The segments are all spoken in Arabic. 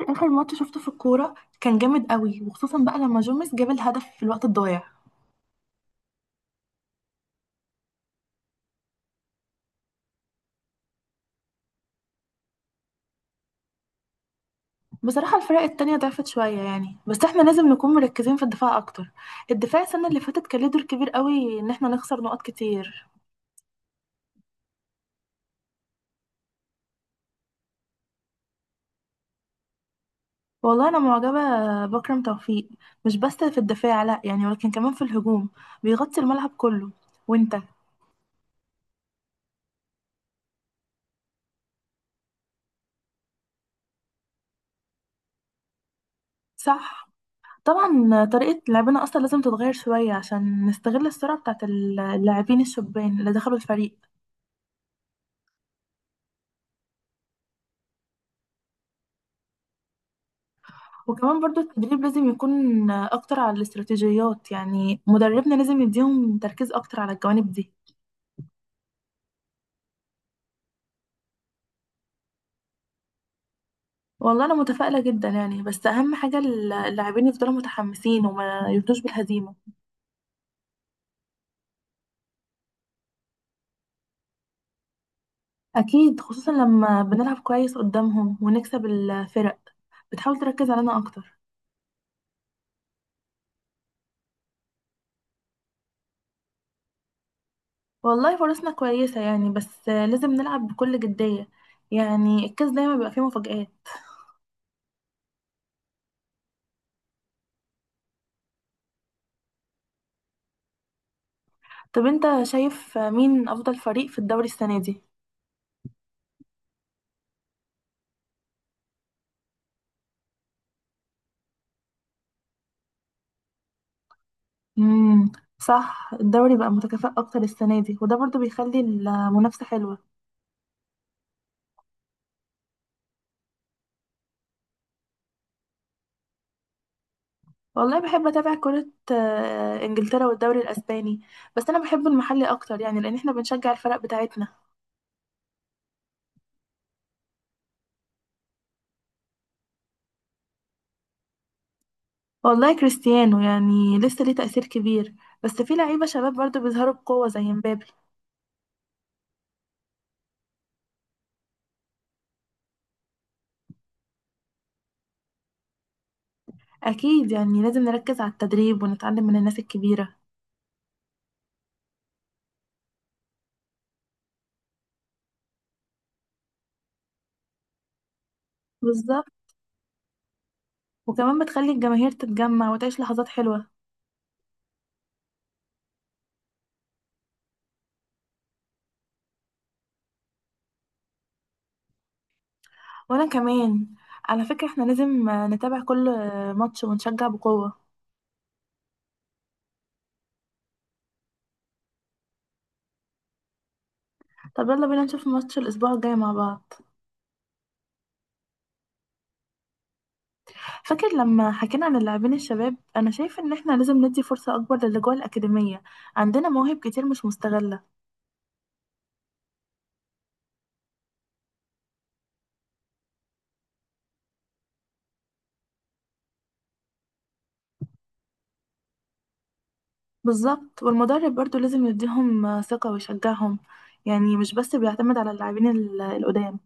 اخر ماتش شفته في الكوره كان جامد قوي وخصوصا بقى لما جوميز جاب الهدف في الوقت الضايع. بصراحه الفرق التانية ضعفت شويه، يعني بس احنا لازم نكون مركزين في الدفاع اكتر. الدفاع السنه اللي فاتت كان ليه دور كبير قوي ان احنا نخسر نقط كتير. والله انا معجبه بكرم توفيق، مش بس في الدفاع، لا يعني، ولكن كمان في الهجوم. بيغطي الملعب كله. وانت؟ صح. طبعا طريقة لعبنا أصلا لازم تتغير شوية عشان نستغل السرعة بتاعت اللاعبين الشبان اللي دخلوا الفريق. وكمان برضو التدريب لازم يكون أكتر على الاستراتيجيات، يعني مدربنا لازم يديهم تركيز أكتر على الجوانب دي. والله أنا متفائلة جدا يعني، بس أهم حاجة اللاعبين يفضلوا متحمسين وما يرضوش بالهزيمة. أكيد، خصوصا لما بنلعب كويس قدامهم ونكسب الفرق بتحاول تركز علينا أكتر. والله فرصنا كويسة يعني، بس لازم نلعب بكل جدية. يعني الكاس دايما بيبقى فيه مفاجآت. طب أنت شايف مين أفضل فريق في الدوري السنة دي؟ امم، صح. الدوري بقى متكافئ اكتر السنه دي وده برضو بيخلي المنافسه حلوه. والله بحب اتابع كره. انجلترا والدوري الاسباني. بس انا بحب المحلي اكتر يعني لان احنا بنشجع الفرق بتاعتنا. والله كريستيانو يعني لسه ليه تاثير كبير. بس في لعيبه شباب برضو بيظهروا بقوه زي مبابي. اكيد يعني، لازم نركز على التدريب ونتعلم من الناس الكبيره. بالظبط. وكمان بتخلي الجماهير تتجمع وتعيش لحظات حلوه. وانا كمان. على فكره احنا لازم نتابع كل ماتش ونشجع بقوه. طب يلا بينا نشوف ماتش الأسبوع الجاي مع بعض. فاكر لما حكينا عن اللاعبين الشباب، أنا شايفة إن إحنا لازم ندي فرصة أكبر للي جوه الأكاديمية. عندنا مواهب كتير مش مستغلة. بالظبط. والمدرب برضو لازم يديهم ثقة ويشجعهم. يعني مش بس بيعتمد على اللاعبين القدام.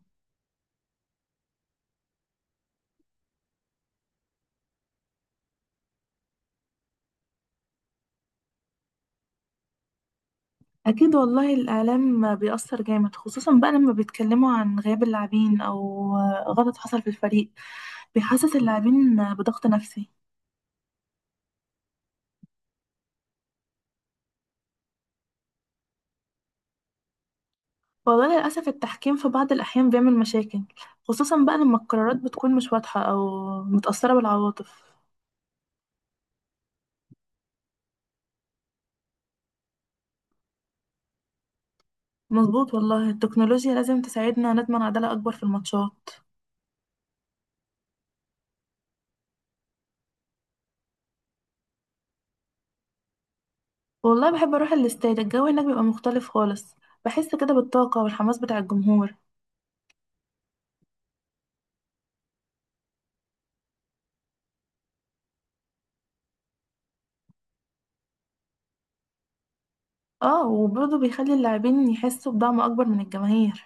أكيد والله الإعلام بيأثر جامد، خصوصا بقى لما بيتكلموا عن غياب اللاعبين أو غلط حصل في الفريق. بيحسس اللاعبين بضغط نفسي. والله للأسف التحكيم في بعض الأحيان بيعمل مشاكل، خصوصا بقى لما القرارات بتكون مش واضحة أو متأثرة بالعواطف. مظبوط. والله التكنولوجيا لازم تساعدنا نضمن عدالة أكبر في الماتشات. والله بحب أروح الاستاد. الجو هناك بيبقى مختلف خالص. بحس كده بالطاقة والحماس بتاع الجمهور. اه. وبرضه بيخلي اللاعبين يحسوا بدعم أكبر من الجماهير.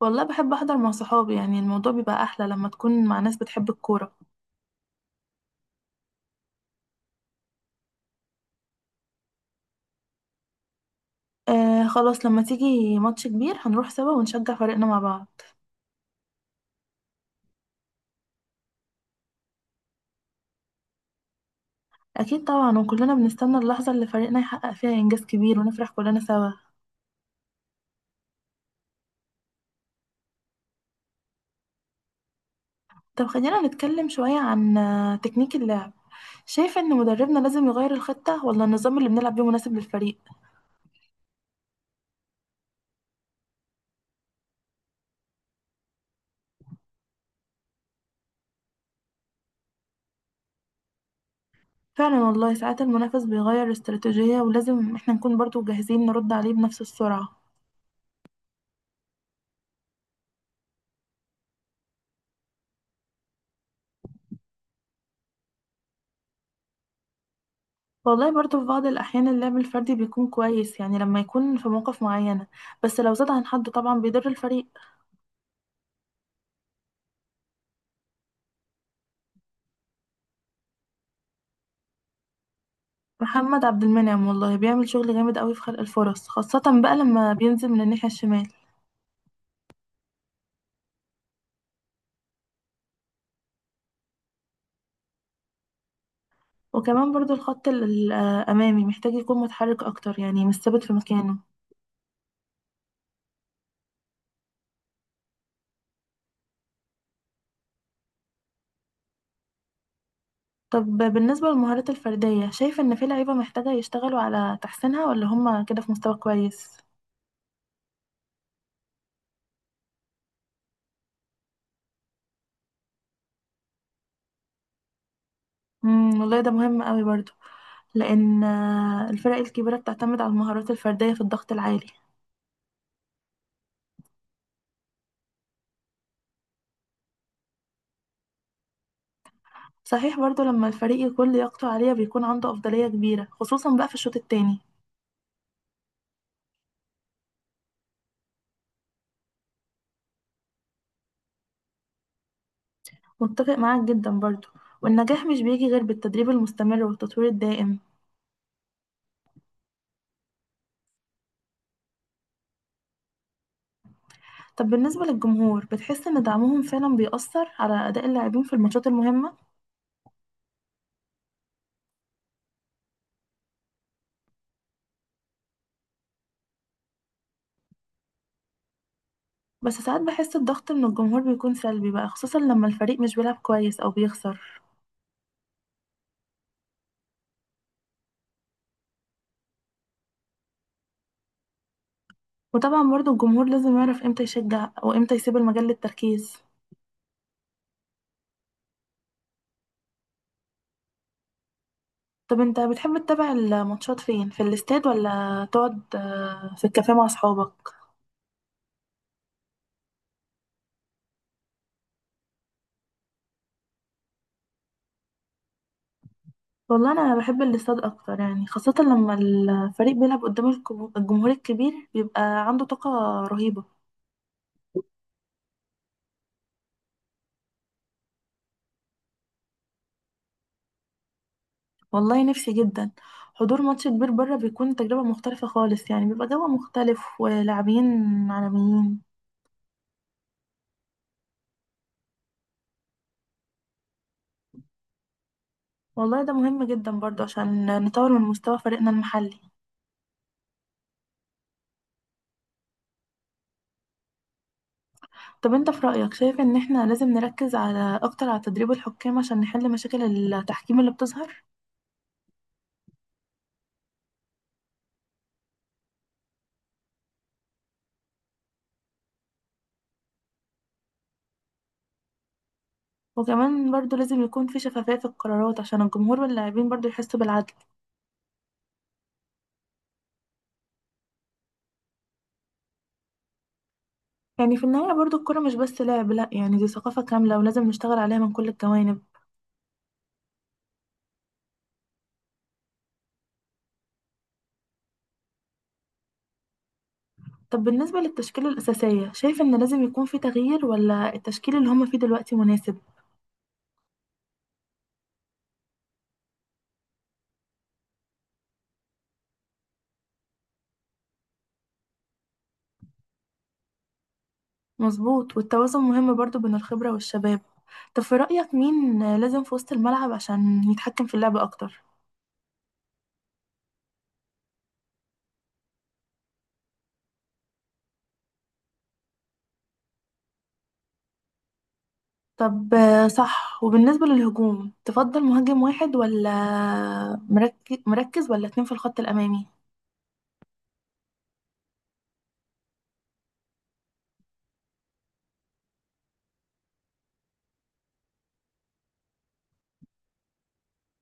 والله بحب أحضر مع صحابي، يعني الموضوع بيبقى أحلى لما تكون مع ناس بتحب الكورة. آه خلاص. لما تيجي ماتش كبير هنروح سوا ونشجع فريقنا مع بعض. أكيد طبعا. وكلنا بنستنى اللحظة اللي فريقنا يحقق فيها إنجاز كبير ونفرح كلنا سوا. طب خلينا نتكلم شوية عن تكنيك اللعب. شايفة إن مدربنا لازم يغير الخطة ولا النظام اللي بنلعب بيه مناسب للفريق؟ فعلا والله ساعات المنافس بيغير استراتيجية ولازم إحنا نكون برضو جاهزين نرد عليه بنفس السرعة. والله برضو في بعض الأحيان اللعب الفردي بيكون كويس، يعني لما يكون في مواقف معينة. بس لو زاد عن حده طبعا بيضر الفريق. محمد عبد المنعم والله بيعمل شغل جامد قوي في خلق الفرص، خاصة بقى لما بينزل من الناحية الشمال. وكمان برضو الخط الأمامي محتاج يكون متحرك أكتر، يعني مش ثابت في مكانه. طب بالنسبة للمهارات الفردية، شايف إن في لعيبة محتاجة يشتغلوا على تحسينها ولا هما كده في مستوى كويس؟ امم، والله ده مهم قوي برضو. لأن الفرق الكبيرة بتعتمد على المهارات الفردية في الضغط العالي. صحيح برضو، لما الفريق يكون لياقته عالية بيكون عنده أفضلية كبيرة، خصوصا بقى في الشوط التاني. متفق معاك جدا برضو. والنجاح مش بيجي غير بالتدريب المستمر والتطوير الدائم. طب بالنسبة للجمهور، بتحس إن دعمهم فعلا بيأثر على أداء اللاعبين في الماتشات المهمة؟ بس ساعات بحس الضغط من الجمهور بيكون سلبي بقى، خصوصا لما الفريق مش بيلعب كويس أو بيخسر. وطبعا برضو الجمهور لازم يعرف إمتى يشجع وإمتى يسيب المجال للتركيز. طب أنت بتحب تتابع الماتشات فين، في الاستاد ولا تقعد في الكافيه مع أصحابك؟ والله أنا بحب الاستاد أكتر، يعني خاصة لما الفريق بيلعب قدام الجمهور الكبير بيبقى عنده طاقة رهيبة. والله نفسي جدا. حضور ماتش كبير بره بيكون تجربة مختلفة خالص، يعني بيبقى جو مختلف ولاعبين عالميين. والله ده مهم جدا برضه عشان نطور من مستوى فريقنا المحلي. طب انت في رأيك شايف ان احنا لازم نركز على اكتر على تدريب الحكام عشان نحل مشاكل التحكيم اللي بتظهر؟ وكمان برضه لازم يكون في شفافية في القرارات عشان الجمهور واللاعبين برضه يحسوا بالعدل. يعني في النهاية برضه الكرة مش بس لعب، لا يعني دي ثقافة كاملة ولازم نشتغل عليها من كل الجوانب. طب بالنسبة للتشكيلة الأساسية، شايف إن لازم يكون في تغيير ولا التشكيل اللي هما فيه دلوقتي مناسب؟ مظبوط، والتوازن مهم برضو بين الخبرة والشباب. طب في رأيك مين لازم في وسط الملعب عشان يتحكم في اللعب أكتر؟ طب صح. وبالنسبة للهجوم تفضل مهاجم واحد ولا مركز ولا اتنين في الخط الأمامي؟